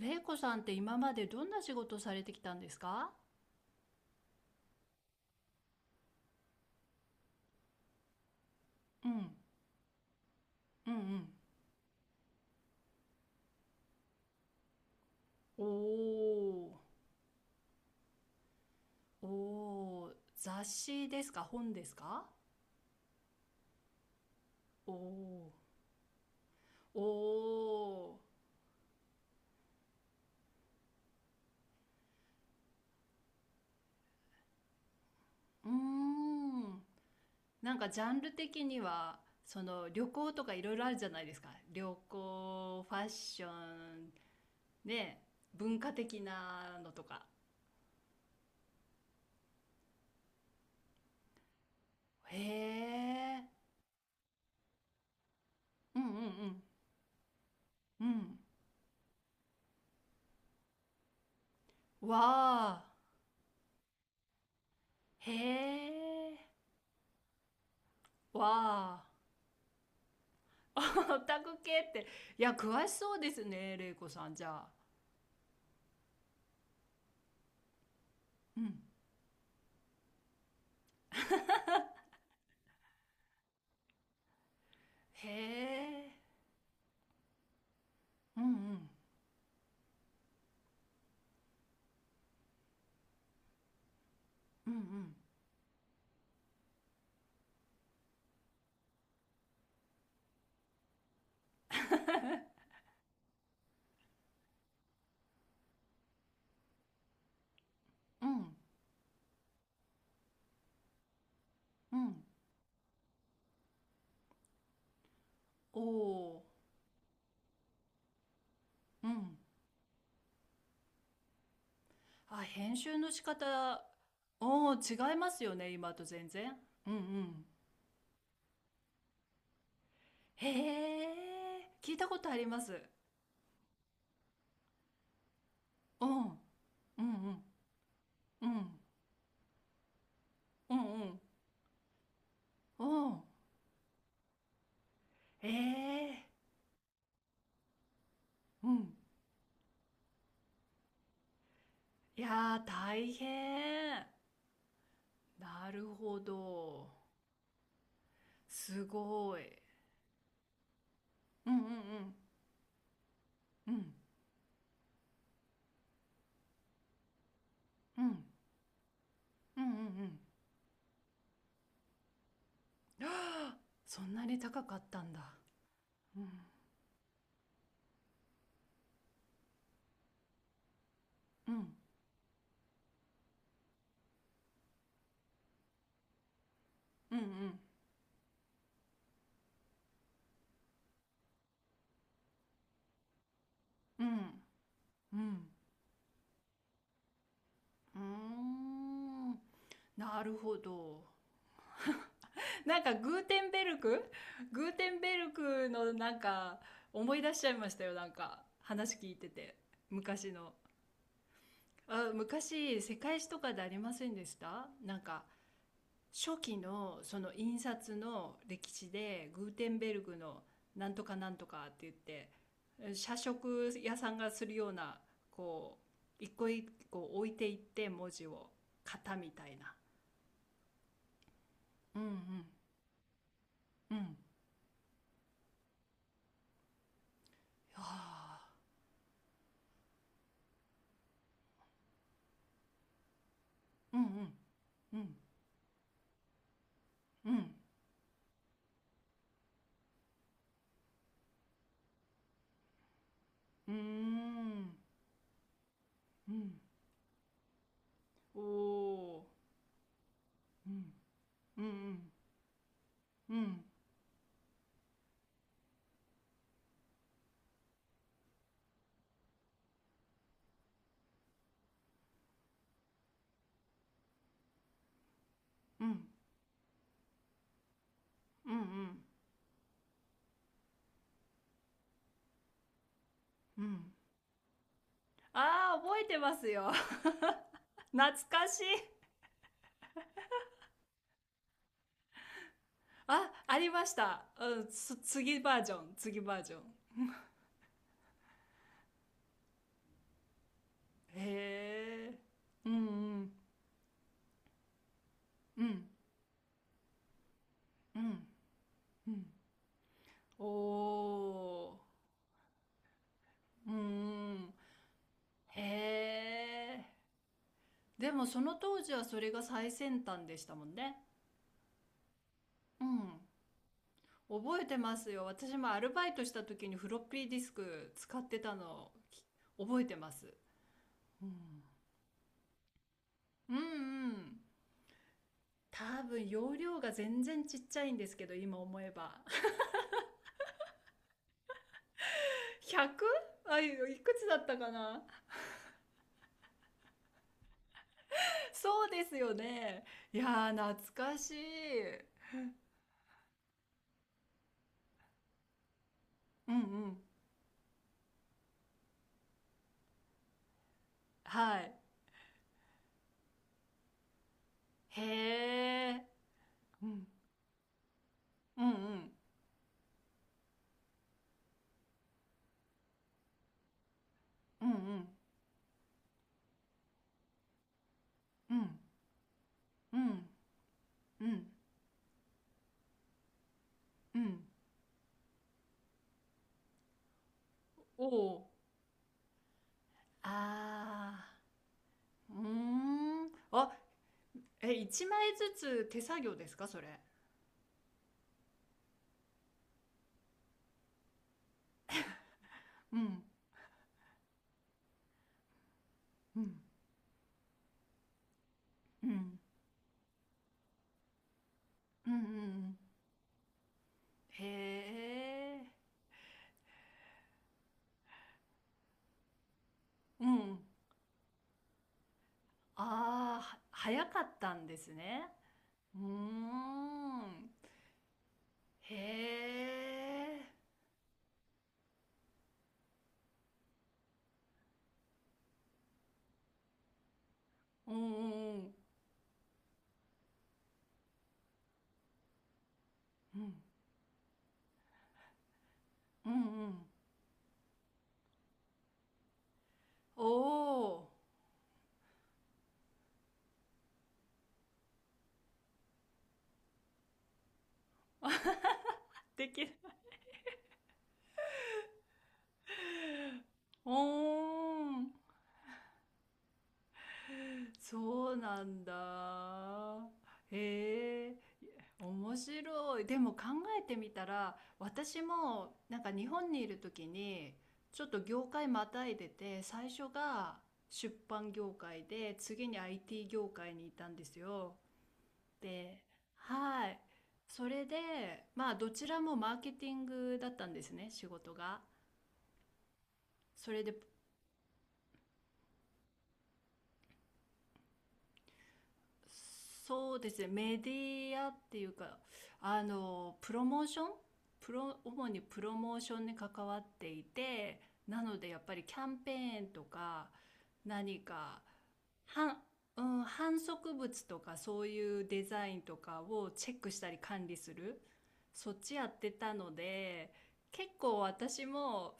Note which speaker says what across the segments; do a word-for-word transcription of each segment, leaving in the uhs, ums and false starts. Speaker 1: れいこさんって今までどんな仕事されてきたんですか？うん、うんうん。おー、おー、雑誌ですか本ですか？おー、おー、うーん。なんかジャンル的には、その旅行とかいろいろあるじゃないですか。旅行、ファッション、ね、文化的なのとか。へー、うんうん、うん。うんわー、へー。わあ、オタク系って、いや、詳しそうですね、玲子さん、じゃあ。うん。へえ。うんうん。うんうん。うんうん。おお。うん。あ、編集の仕方、おお、違いますよね、今と全然。うんうん。へえ。聞いたことあります。うん。うんうん。うん。うんうん。うん。ええ。うん。いやー、大変。なるほど。すごい。うんうんうん。うんうんうんうんうん。そんなに高かったんだ。うんうんうんうんうんうん。うーん。なるほど。なんかグーテンベルクグーテンベルクのなんか思い出しちゃいましたよ。なんか話聞いてて。昔の。あ、昔世界史とかでありませんでしたなんか、初期のその印刷の歴史でグーテンベルグのなんとかなんとかって言って、え、社食屋さんがするような、こう一個一個置いていって文字を型みたいな。うんうん、うん、はあ、うんうんうんうんうん、うん、おお、うんうんうんうんうんうんうんうん、あー覚えてますよ 懐かしい。あ、ありました。うん、つ、次バージョン、次バージョン。へえ。うんうん。うん。うん。うん。おー。うんうん。へえ。でもその当時はそれが最先端でしたもんね。うん。覚えてますよ。私もアルバイトした時にフロッピーディスク使ってたのき、覚えてます。うん。うんうん。多分容量が全然ちっちゃいんですけど、今思えば。ひゃく？ あ、いくつだったかな。そうですよね。いやー、懐かしい。うんうん。はい。へえ。うん。うんうん。うんうん。うん。うん。うん。おおー。あー。うーん。あ、え、いちまいずつ手作業ですかそれ？うん。うん。うん。うんうんうん。へえ。うん。あー、は早かったんですね。うーん。へえ。うんうんうん。うんうん、おおーできる。おーん。そうなんだ。へえ。面白い。でも考えてみたら、私もなんか日本にいる時に、ちょっと業界またいでて、最初が出版業界で、次に アイティー 業界にいたんですよ。で、はい。それで、まあ、どちらもマーケティングだったんですね、仕事が。それで、そうですね、メディアっていうか、あの、プロモーションプロ、主にプロモーションに関わっていて、なのでやっぱりキャンペーンとか、何かは、うん、販促物とかそういうデザインとかをチェックしたり管理する、そっちやってたので、結構私も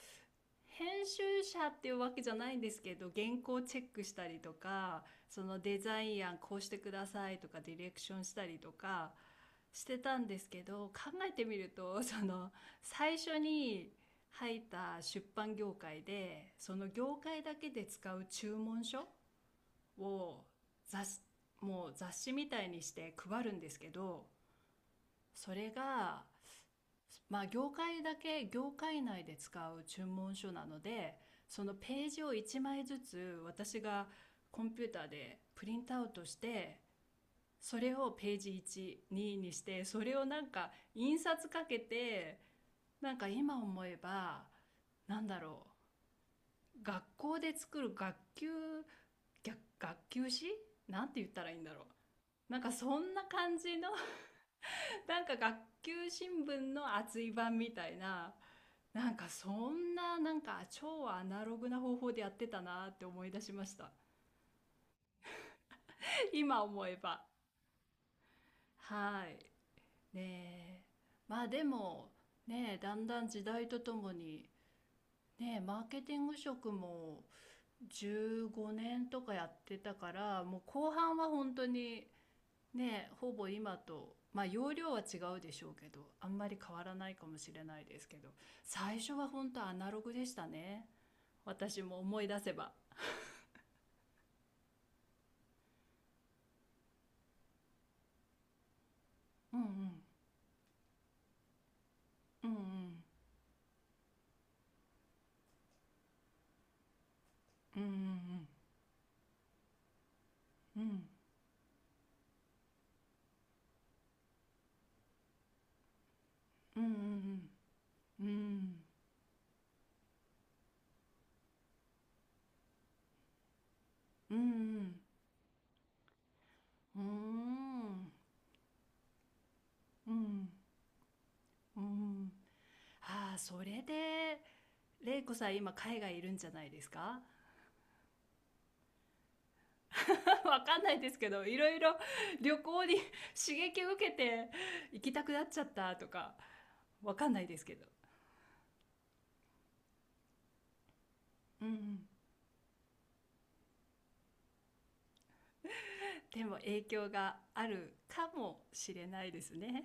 Speaker 1: 編集者っていうわけじゃないんですけど、原稿チェックしたりとか、そのデザイン案こうしてくださいとか、ディレクションしたりとかしてたんですけど、考えてみると、その最初に入った出版業界で、その業界だけで使う注文書を、雑もう雑誌みたいにして配るんですけど、それが、まあ、業界だけ業界内で使う注文書なので、そのページをいちまいずつ私がコンピューターでプリントアウトして、それをページじゅうにににしてそれをなんか印刷かけて、なんか今思えば、なんだろう学校で作る学級学学級誌、なんて言ったらいいんだろう、なんかそんな感じの なんか学級新聞の厚い版みたいな、なんかそんななんか超アナログな方法でやってたなって思い出しました、今思えば。はい。ねえ。まあでもねえ、だんだん時代とともにねえ、マーケティング職もじゅうごねんとかやってたから、もう後半は本当にね、ほぼ今とまあ容量は違うでしょうけどあんまり変わらないかもしれないですけど、最初は本当アナログでしたね、私も思い出せば。うんうんうんうんうんうんうんうんうんうんうんうんうんうんうん。ああそれで、玲子さん今海外いるんじゃないですか？ わかんないですけど、いろいろ 旅行に 刺激を受けて行きたくなっちゃったとか、わかんないですけど。うんうん。でも影響があるかもしれないですね。